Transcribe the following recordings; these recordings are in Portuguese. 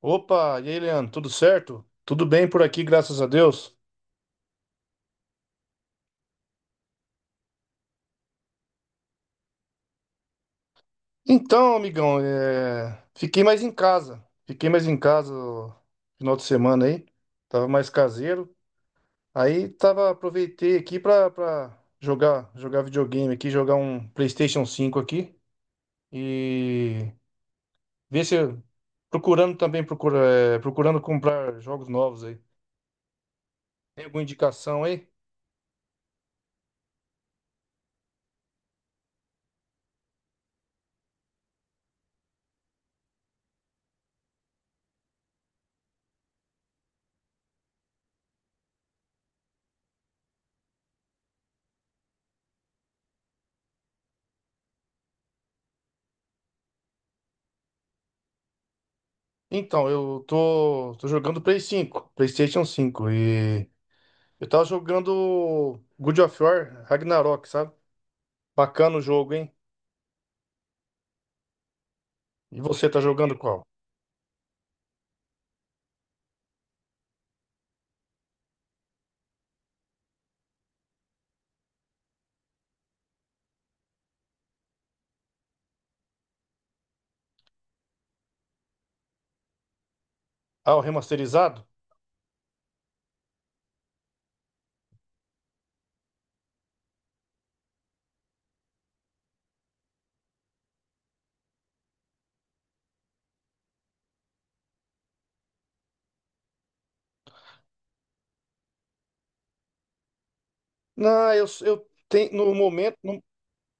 Opa, e aí, Leandro, tudo certo? Tudo bem por aqui, graças a Deus. Então, amigão, fiquei mais em casa. Fiquei mais em casa no final de semana aí. Tava mais caseiro. Aí tava aproveitei aqui pra jogar, jogar videogame aqui, jogar um PlayStation 5 aqui e ver se eu- procurando procurando comprar jogos novos aí. Tem alguma indicação aí? Então, eu tô jogando Play 5, PlayStation 5 e eu tava jogando God of War Ragnarok, sabe? Bacana o jogo, hein? E você tá jogando qual? Ah, o remasterizado? Não, eu tenho no momento, no,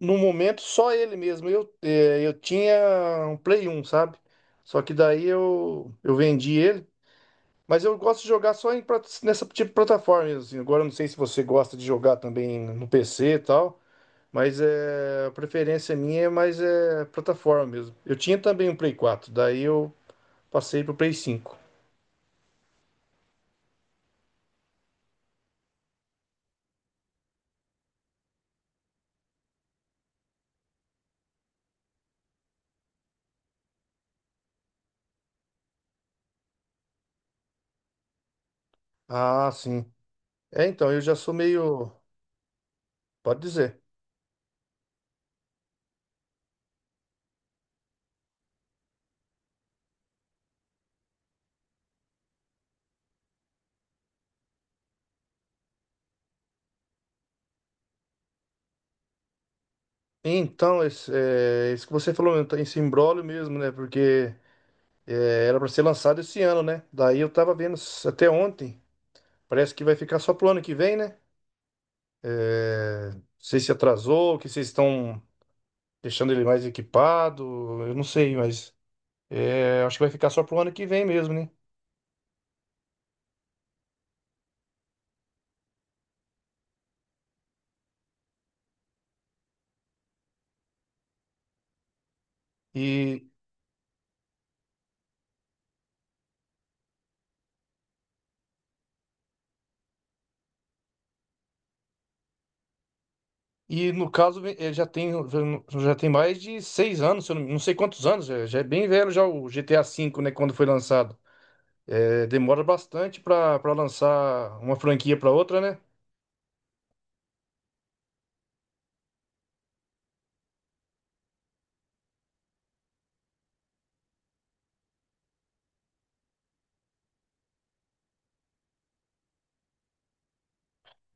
no momento só ele mesmo. Eu tinha um Play 1, sabe? Só que daí eu vendi ele. Mas eu gosto de jogar só em nessa tipo de plataforma mesmo. Assim. Agora eu não sei se você gosta de jogar também no PC e tal. Mas a preferência minha é mais plataforma mesmo. Eu tinha também um Play 4. Daí eu passei pro Play 5. Ah, sim. É, então, eu já sou meio. Pode dizer. Então, isso que você falou, então, esse imbróglio mesmo, né? Porque era para ser lançado esse ano, né? Daí eu tava vendo até ontem. Parece que vai ficar só pro ano que vem, né? É, não sei se atrasou, que vocês estão deixando ele mais equipado, eu não sei, mas acho que vai ficar só pro ano que vem mesmo, né? E E no caso, já tem mais de 6 anos, se eu não sei quantos anos, já é bem velho já o GTA V, né, quando foi lançado. Demora bastante para lançar uma franquia para outra, né?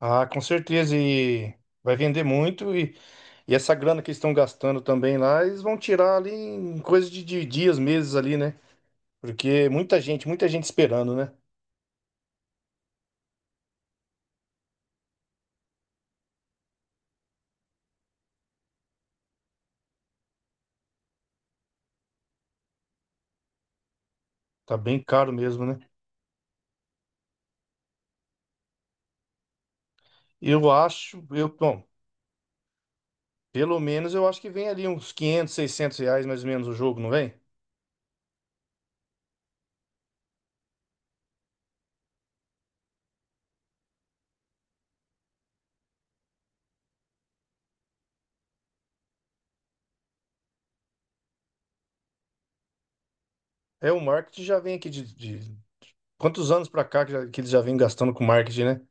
Ah, com certeza, e vai vender muito, e essa grana que eles estão gastando também lá, eles vão tirar ali em coisa de dias, meses ali, né? Porque muita gente esperando, né? Tá bem caro mesmo, né? Eu acho, bom, pelo menos eu acho que vem ali uns 500, 600 reais mais ou menos o jogo, não vem? É, o marketing já vem aqui quantos anos para cá que que eles já vêm gastando com marketing, né?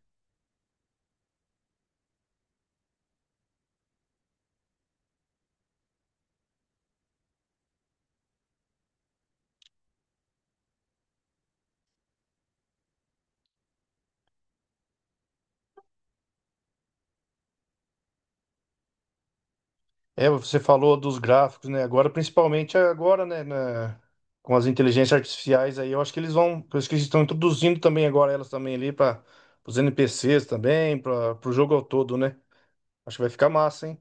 É, você falou dos gráficos, né? Agora, principalmente agora, com as inteligências artificiais aí, eu acho que eles estão introduzindo também agora elas também ali para os NPCs também, para o jogo ao todo, né? Acho que vai ficar massa, hein?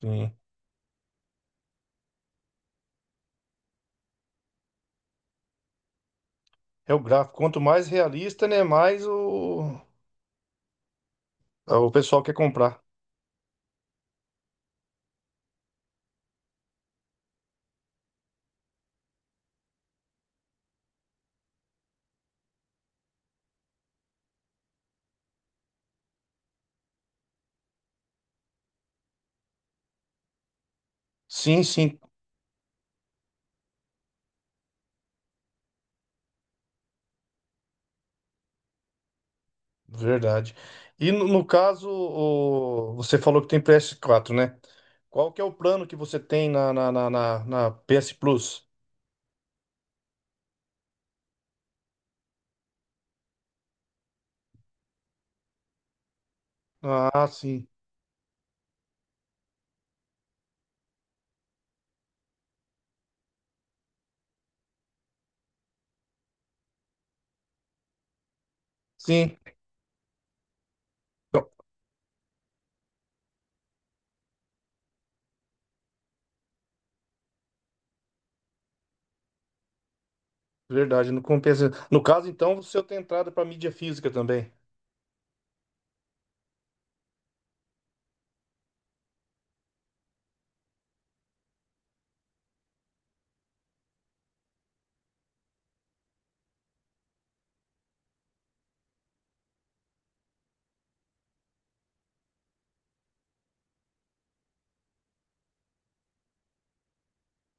Sim. É o gráfico. Quanto mais realista, né? Mais o pessoal quer comprar. Sim, sim. Verdade. E no caso, você falou que tem PS4, né? Qual que é o plano que você tem na PS Plus? Ah, sim. Sim, então, verdade, não compensa. No caso, então, você tem entrada para mídia física também.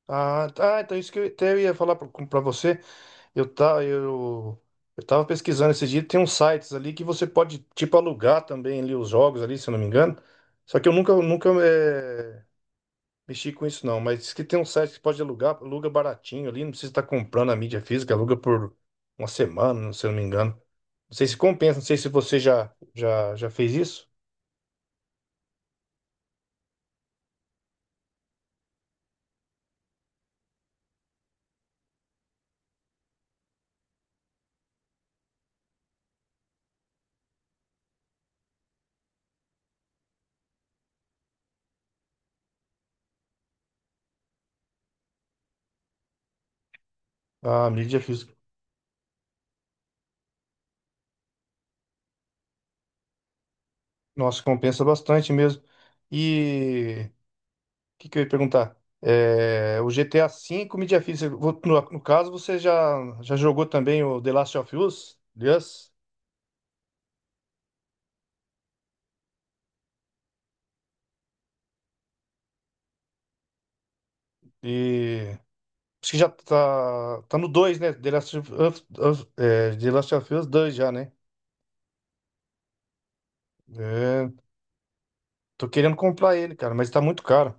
Ah, tá, então isso que eu até ia falar para você. Eu, tá, eu, eu tava pesquisando esses dias, tem uns sites ali que você pode, tipo, alugar também ali os jogos ali, se eu não me engano. Só que eu nunca mexi com isso não, mas diz que tem um site que pode alugar, aluga baratinho ali, não precisa estar comprando a mídia física, aluga por uma semana, se eu não me engano. Não sei se compensa, não sei se você já fez isso. A mídia física. Nossa, compensa bastante mesmo. E o que, que eu ia perguntar? É, o GTA V, mídia física. No caso, você já jogou também o The Last of Us? Yes? E acho que já tá no dois, né? The Last of Us, The Last of Us dois já, né? É, tô querendo comprar ele, cara, mas tá muito caro.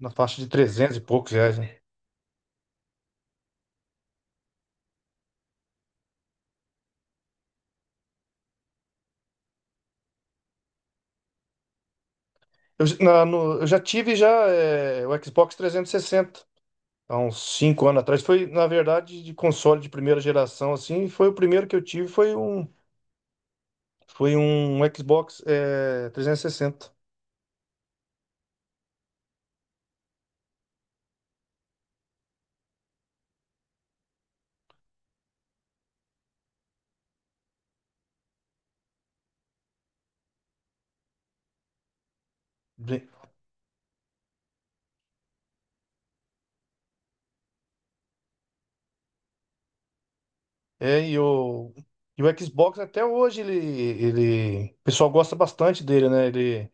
Na faixa de 300 e poucos reais, né? Eu, j- na- no- eu já tive já o Xbox 360, há uns 5 anos atrás. Foi, na verdade, de console de primeira geração, assim. Foi o primeiro que eu tive, foi um Xbox 360. Bem. É, e o Xbox até hoje, ele... O pessoal gosta bastante dele, né? Ele.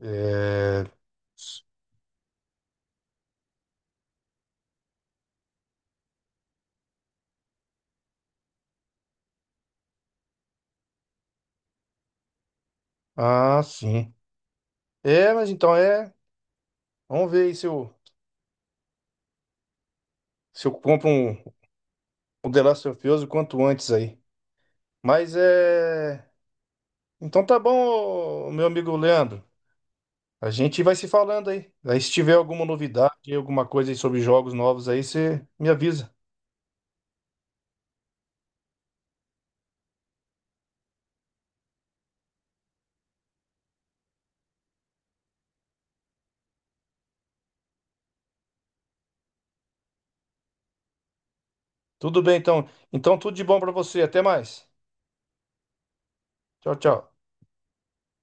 É, Ah, sim. É, mas então é. Vamos ver aí se eu compro um The Last of Us o quanto antes aí. Mas é. Então tá bom, ô, meu amigo Leandro. A gente vai se falando aí. Aí se tiver alguma novidade, alguma coisa aí sobre jogos novos aí, você me avisa. Tudo bem, então. Então tudo de bom pra você. Até mais. Tchau, tchau.